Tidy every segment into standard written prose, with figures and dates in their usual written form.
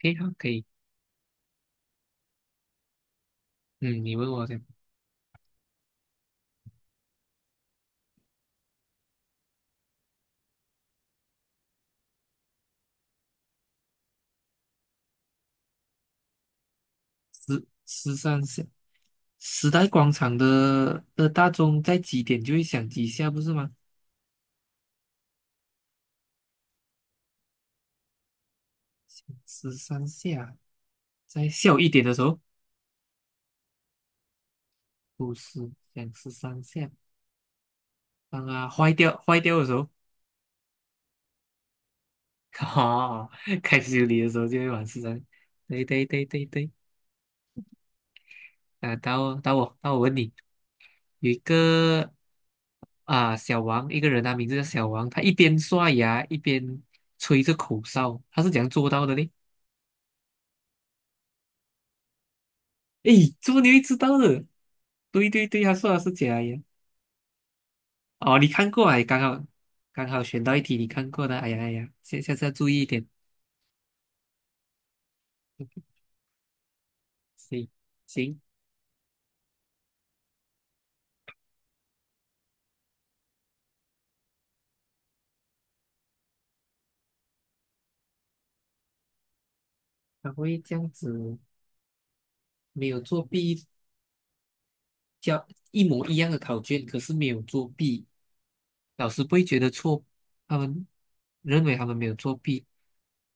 可以，好，可以。嗯，你问我讲十三时代广场的大钟在几点就会响几下，不是吗？十三下，在下午一点的时候，不是响十三下。当它坏掉的时候，哦，该修理的时候就会往十三。对对对对对，啊，到我问你，有一个啊小王，一个人他名字叫小王，他一边刷牙一边吹着口哨，他是怎样做到的呢？诶，怎么你会知道的？对对对，他说的是假牙。哦，你看过啊？刚好选到一题你看过的。哎呀哎呀，下下次要注意一点。行行，他会这样子，没有作弊，交一模一样的考卷，可是没有作弊，老师不会觉得错，他们认为他们没有作弊，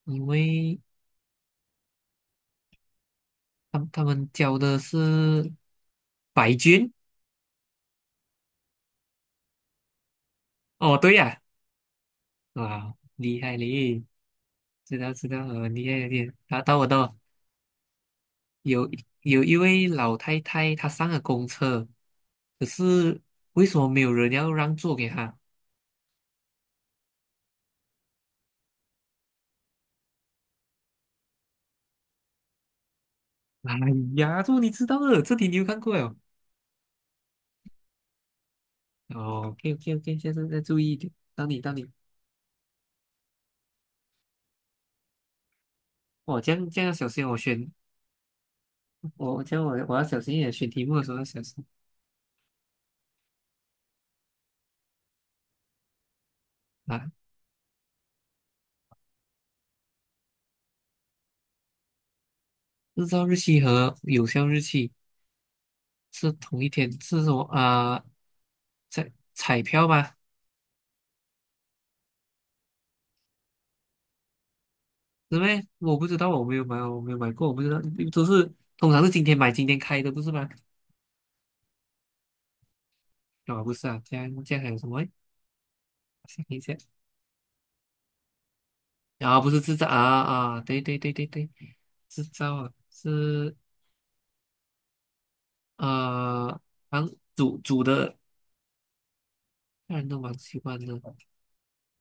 因为他们交的是白卷。哦，对呀、啊，哇，厉害嘞！知道知道，厉害厉害。然后到我。有有一位老太太，她上了公车，可是为什么没有人要让座给她？哎呀，这你知道的，这题你有看过了。哦，OK OK OK，下次再注意一点。到你到你，我这样要小心，我选我这样我我要小心一点，选题目的时候要小心啊。日照日期和有效日期是同一天，是什么啊？彩票吗？是么？我不知道，我没有买，我没有买过，我不知道，都是通常是今天买今天开的，不是吗？啊、不是啊，这样还有什么诶？想一下，啊，不是制造啊啊，对对对对对，制造啊是呃，啊，煮的，家人都蛮喜欢的，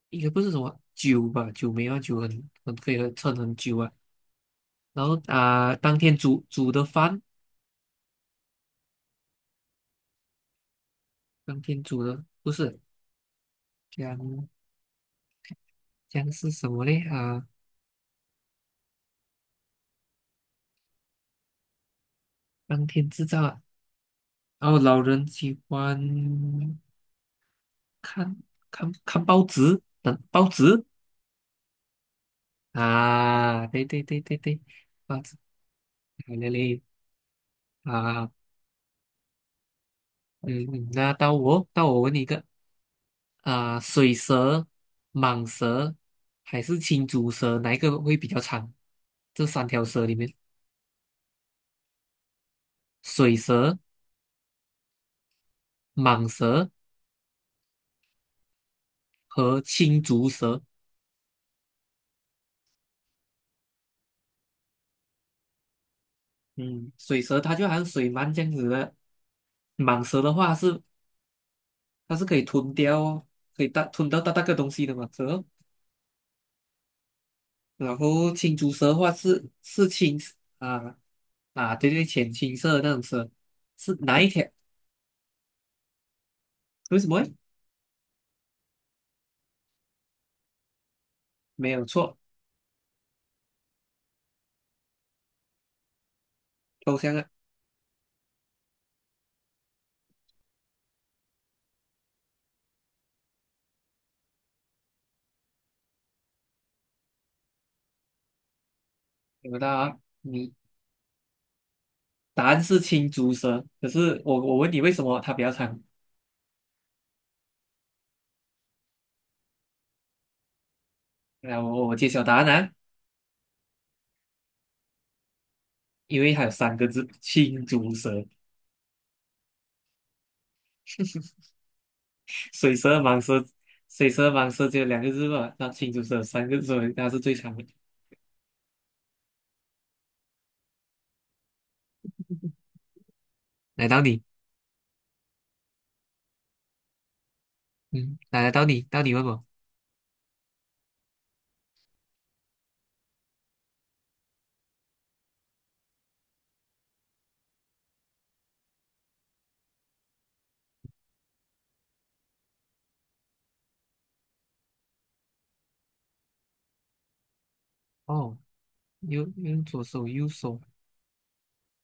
应该不是什么酒吧，酒没有啊酒很可以喝撑很久啊。然后啊、当天煮的饭，当天煮的不是，这样这样是什么嘞？啊，当天制造啊。然后老人喜欢看看报纸，等报纸啊，对对对对对，报纸，好嘞嘞啊，嗯，嗯那到我问你一个啊，水蛇、蟒蛇还是青竹蛇，哪一个会比较长？这三条蛇里面，水蛇、蟒蛇和青竹蛇，嗯，水蛇它就好像水鳗这样子的，蟒蛇的话是它是可以吞掉哦，可以大吞到大大个东西的嘛，是哦。然后青竹蛇的话是青啊啊，对对，浅青色的那种蛇，是哪一条？为什么诶？没有错，抽象啊，有的啊，你答案是青竹蛇，可是我问你为什么它比较长？来，我揭晓答案啊，因为它有三个字，青竹蛇。水蛇、蟒蛇、水蛇、蟒蛇只有两个字吧？那青竹蛇有三个字，所以它是最长的。来到你。嗯，来来，到你，到你问我。哦，用左手，右手。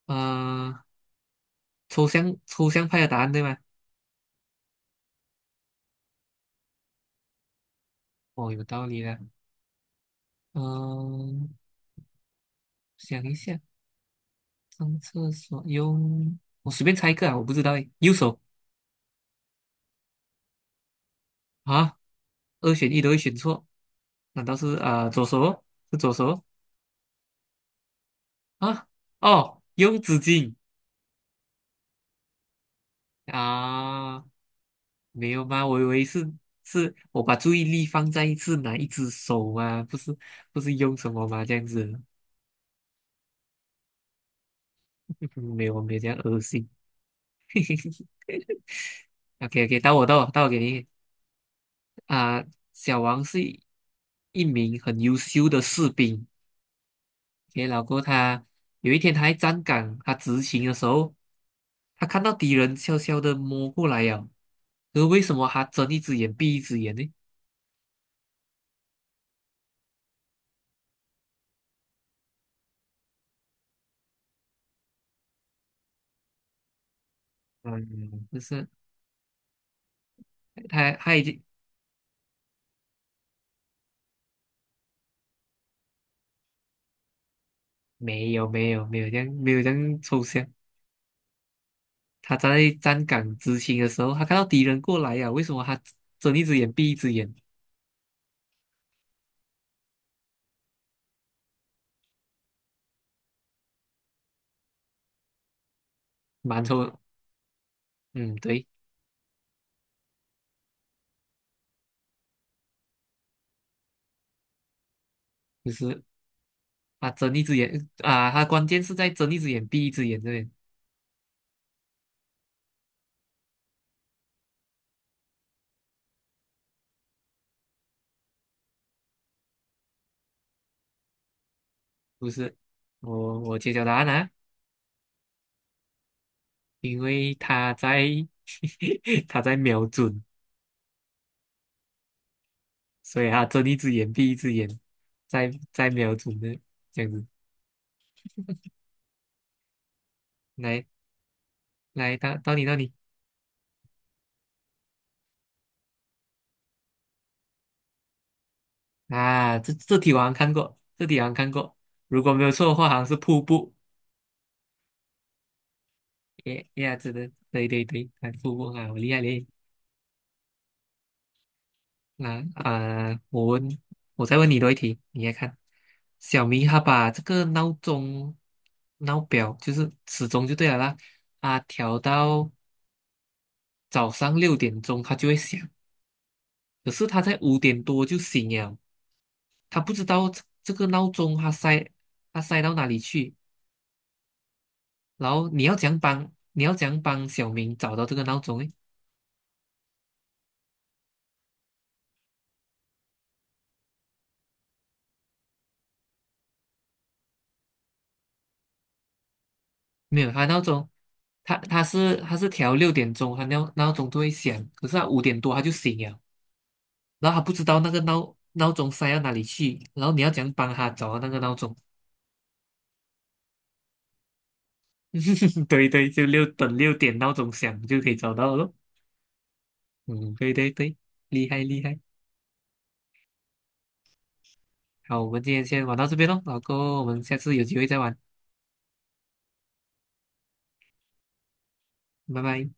呃，抽象派的答案对吗？哦，有道理的。嗯、想一下，上厕所用，我随便猜一个啊，我不知道诶。右手啊，二选一都会选错，难道是啊、左手哦是左手哦啊？哦，用纸巾啊？没有吗？我以为是我把注意力放在是哪一只手嘛，不是不是用什么吗？这样子。没有，没有这样恶心。OK OK，到我给你啊、小王是一名很优秀的士兵。OK，然后过后他有一天他在站岗，他执勤的时候，他看到敌人悄悄的摸过来呀。可是为什么他睁一只眼闭一只眼呢？嗯，就是他已经没有这样抽象。他在站岗执勤的时候，他看到敌人过来呀、为什么他睁一只眼闭一只眼？蛮抽嗯，对，就是啊，睁一只眼啊，他关键是在睁一只眼闭一只眼这边，不是？我揭晓答案啦，因为他在 他在瞄准，所以他睁一只眼闭一只眼，在瞄准的这样子。来来，到你啊，这这题我好像看过，这题好像看过，如果没有错的话，好像是瀑布。耶耶，真的，对对对，看瀑布啊，我厉害嘞。那我问，我再问你多一题，你来看。小明他把这个闹钟、闹表，就是时钟就对了啦，啊，调到早上六点钟，他就会响。可是他在五点多就醒了，他不知道这个闹钟他塞到哪里去。然后你要怎样帮小明找到这个闹钟？呢？没有，他闹钟，他是调六点钟，他闹钟都会响，可是他五点多他就醒了。然后他不知道那个闹钟塞到哪里去，然后你要怎样帮他找到那个闹钟？对对，就六点闹钟响就可以找到了。嗯，对对对，厉害厉害。好，我们今天先玩到这边喽，老哥，我们下次有机会再玩，拜拜。